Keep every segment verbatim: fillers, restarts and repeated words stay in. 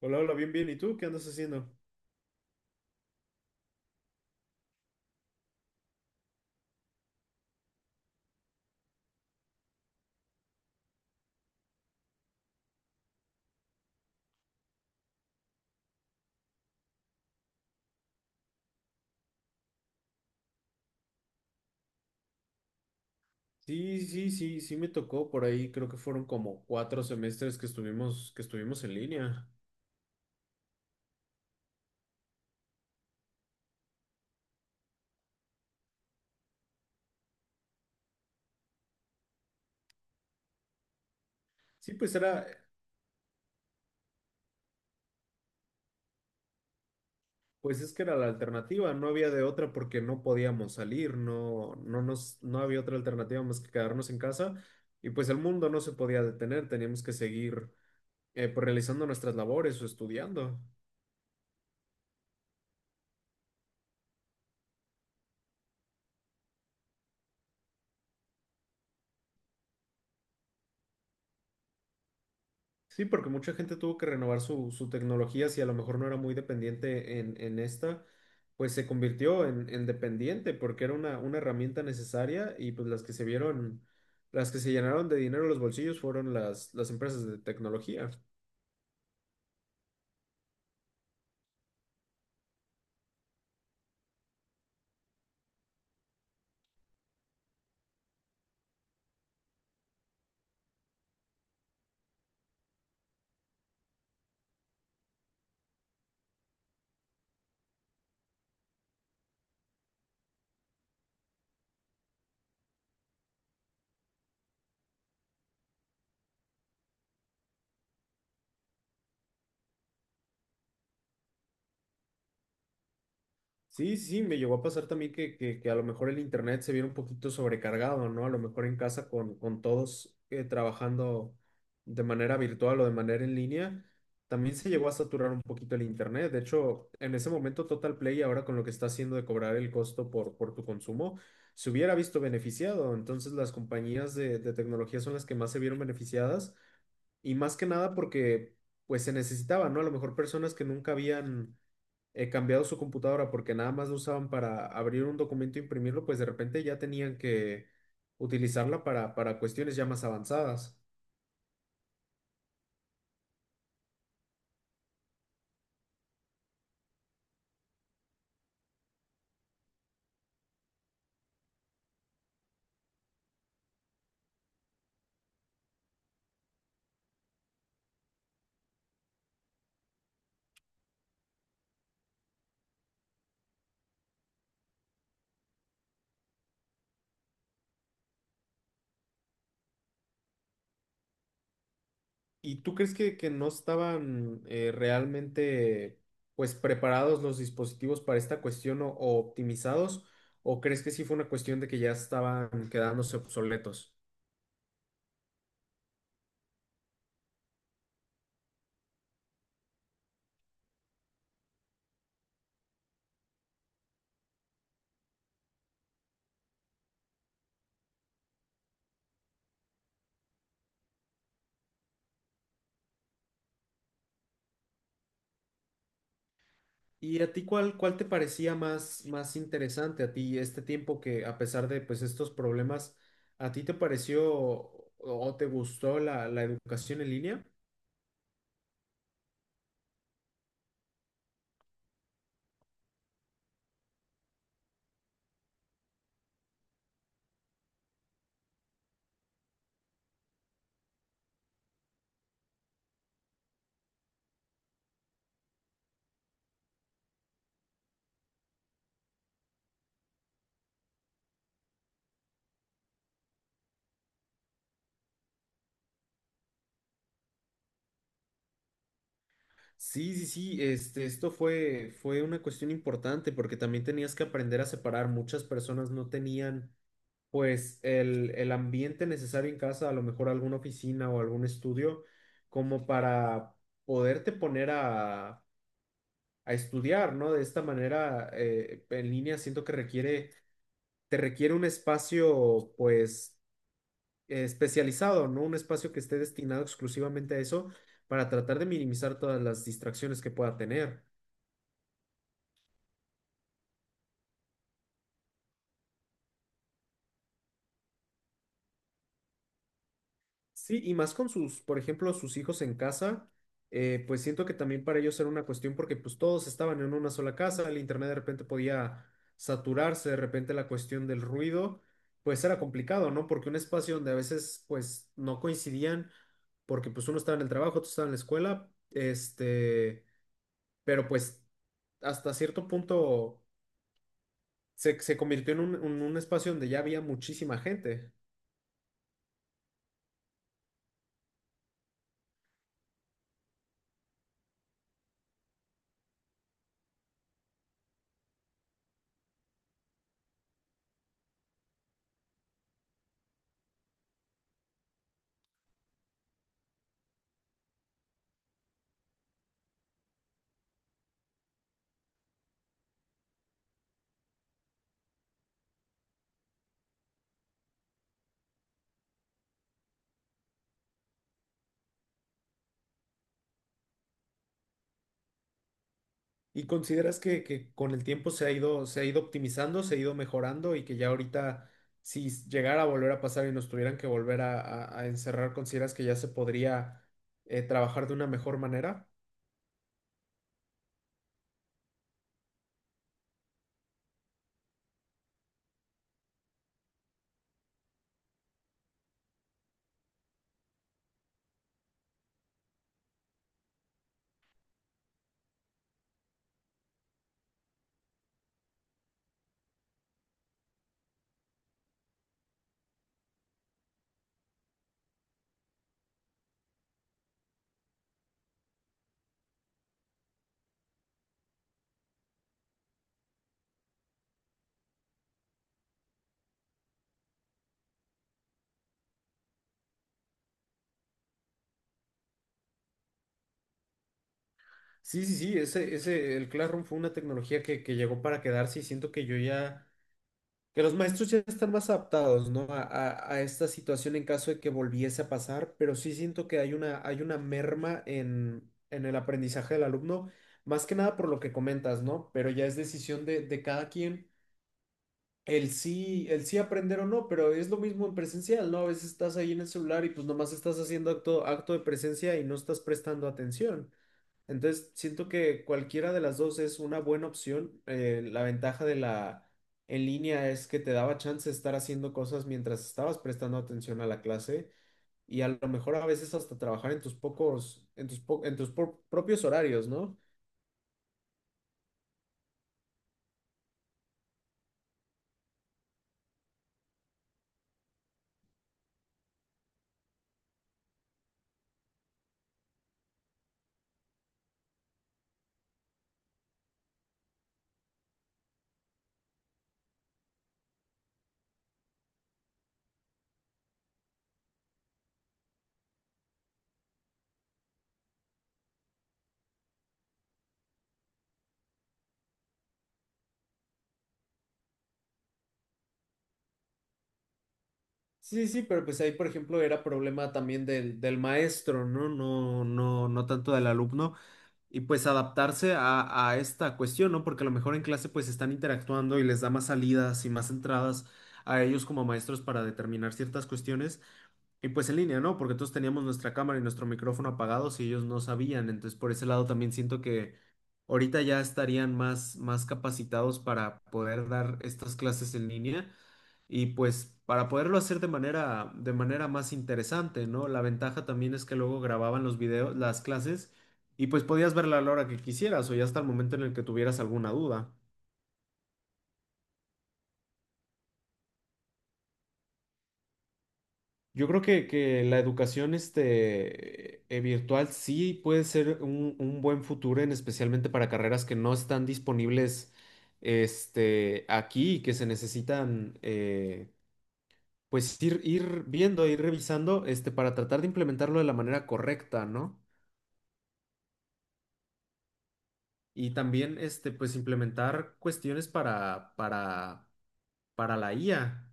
Hola, hola, bien, bien. ¿Y tú qué andas haciendo? Sí, sí, sí, sí me tocó por ahí. Creo que fueron como cuatro semestres que estuvimos, que estuvimos en línea. Sí, pues era, pues es que era la alternativa. No había de otra porque no podíamos salir. No, no nos, no había otra alternativa más que quedarnos en casa. Y pues el mundo no se podía detener. Teníamos que seguir, eh, pues realizando nuestras labores o estudiando. Sí, porque mucha gente tuvo que renovar su, su tecnología, si a lo mejor no era muy dependiente en, en esta, pues se convirtió en, en dependiente porque era una, una herramienta necesaria y pues las que se vieron, las que se llenaron de dinero los bolsillos fueron las, las empresas de tecnología. Sí, sí, sí, me llegó a pasar también que, que, que a lo mejor el internet se viera un poquito sobrecargado, ¿no? A lo mejor en casa con, con todos eh, trabajando de manera virtual o de manera en línea, también se llegó a saturar un poquito el internet. De hecho, en ese momento Total Play, ahora con lo que está haciendo de cobrar el costo por, por tu consumo, se hubiera visto beneficiado. Entonces, las compañías de, de tecnología son las que más se vieron beneficiadas y más que nada porque pues se necesitaban, ¿no? A lo mejor personas que nunca habían eh, cambiado su computadora porque nada más lo usaban para abrir un documento e imprimirlo, pues de repente ya tenían que utilizarla para, para cuestiones ya más avanzadas. ¿Y tú crees que, que no estaban eh, realmente pues preparados los dispositivos para esta cuestión o, o optimizados? ¿O crees que sí fue una cuestión de que ya estaban quedándose obsoletos? ¿Y a ti cuál, cuál te parecía más, más interesante a ti este tiempo que a pesar de pues estos problemas, a ti te pareció o o te gustó la, la educación en línea? Sí, sí, sí, este, esto fue, fue una cuestión importante porque también tenías que aprender a separar. Muchas personas no tenían pues el, el ambiente necesario en casa, a lo mejor alguna oficina o algún estudio, como para poderte poner a a estudiar, ¿no? De esta manera, eh, en línea siento que requiere, te requiere un espacio, pues, eh, especializado, ¿no? Un espacio que esté destinado exclusivamente a eso para tratar de minimizar todas las distracciones que pueda tener. Sí, y más con sus, por ejemplo, sus hijos en casa, eh, pues siento que también para ellos era una cuestión porque pues todos estaban en una sola casa, el internet de repente podía saturarse, de repente la cuestión del ruido, pues era complicado, ¿no? Porque un espacio donde a veces pues no coincidían, porque pues uno estaba en el trabajo, otro estaba en la escuela, este, pero pues hasta cierto punto se, se convirtió en un, en un espacio donde ya había muchísima gente. ¿Y consideras que, que con el tiempo se ha ido, se ha ido optimizando, se ha ido mejorando y que ya ahorita, si llegara a volver a pasar y nos tuvieran que volver a, a- a encerrar, consideras que ya se podría eh, trabajar de una mejor manera? Sí, sí, sí, ese, ese, el Classroom fue una tecnología que, que llegó para quedarse y siento que yo ya Que los maestros ya están más adaptados, ¿no? A, a- a esta situación en caso de que volviese a pasar, pero sí siento que hay una, hay una merma en, en el aprendizaje del alumno, más que nada por lo que comentas, ¿no? Pero ya es decisión de, de cada quien el sí, el sí aprender o no, pero es lo mismo en presencial, ¿no? A veces estás ahí en el celular y pues nomás estás haciendo acto, acto de presencia y no estás prestando atención. Entonces, siento que cualquiera de las dos es una buena opción. Eh, la ventaja de la en línea es que te daba chance de estar haciendo cosas mientras estabas prestando atención a la clase y a lo mejor a veces hasta trabajar en tus pocos, en tus po- en tus pro- propios horarios, ¿no? Sí, sí, pero pues ahí, por ejemplo, era problema también del, del maestro, ¿no? No, no, no tanto del alumno. Y pues adaptarse a, a esta cuestión, ¿no? Porque a lo mejor en clase pues están interactuando y les da más salidas y más entradas a ellos como maestros para determinar ciertas cuestiones. Y pues en línea, ¿no? Porque todos teníamos nuestra cámara y nuestro micrófono apagados y ellos no sabían. Entonces, por ese lado también siento que ahorita ya estarían más, más capacitados para poder dar estas clases en línea. Y pues para poderlo hacer de manera, de manera más interesante, ¿no? La ventaja también es que luego grababan los videos, las clases, y pues podías verla a la hora que quisieras o ya hasta el momento en el que tuvieras alguna duda. Yo creo que, que la educación este, eh, virtual sí puede ser un, un buen futuro, en especialmente para carreras que no están disponibles este, aquí y que se necesitan eh, pues ir, ir viendo, e ir revisando este, para tratar de implementarlo de la manera correcta, ¿no? Y también, este, pues implementar cuestiones para, para, para la I A,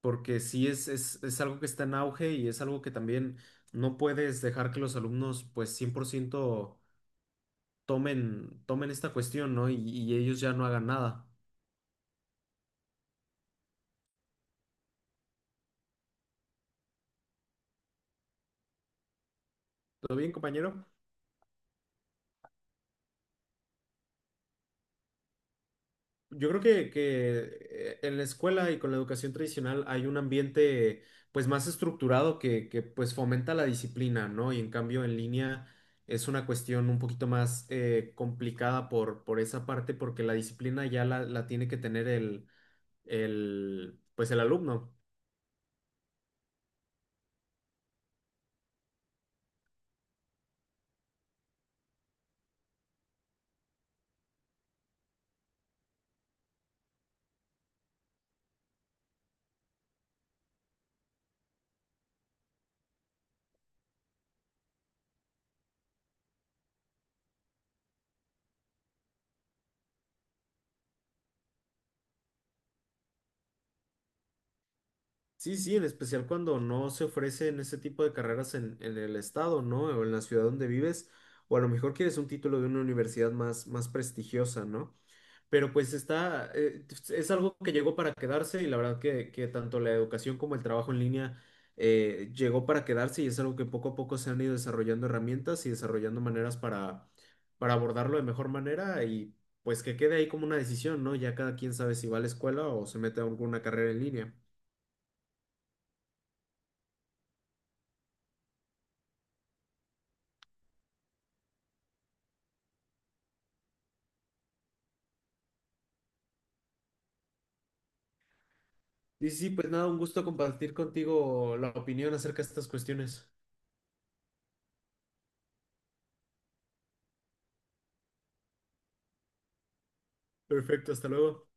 porque sí es, es, es algo que está en auge y es algo que también no puedes dejar que los alumnos, pues cien por ciento tomen, tomen esta cuestión, ¿no? Y, y ellos ya no hagan nada. ¿Todo bien, compañero? Yo creo que, que eh, en la escuela y con la educación tradicional hay un ambiente pues más estructurado que, que pues fomenta la disciplina, ¿no? Y en cambio en línea es una cuestión un poquito más eh, complicada por, por esa parte porque la disciplina ya la, la tiene que tener el, el pues el alumno. Sí, sí, en especial cuando no se ofrecen ese tipo de carreras en, en el estado, ¿no? O en la ciudad donde vives, o a lo mejor quieres un título de una universidad más, más prestigiosa, ¿no? Pero pues está, eh, pues, es algo que llegó para quedarse y la verdad que, que tanto la educación como el trabajo en línea eh, llegó para quedarse y es algo que poco a poco se han ido desarrollando herramientas y desarrollando maneras para, para abordarlo de mejor manera y pues que quede ahí como una decisión, ¿no? Ya cada quien sabe si va a la escuela o se mete a alguna carrera en línea. Y sí, pues nada, un gusto compartir contigo la opinión acerca de estas cuestiones. Perfecto, hasta luego.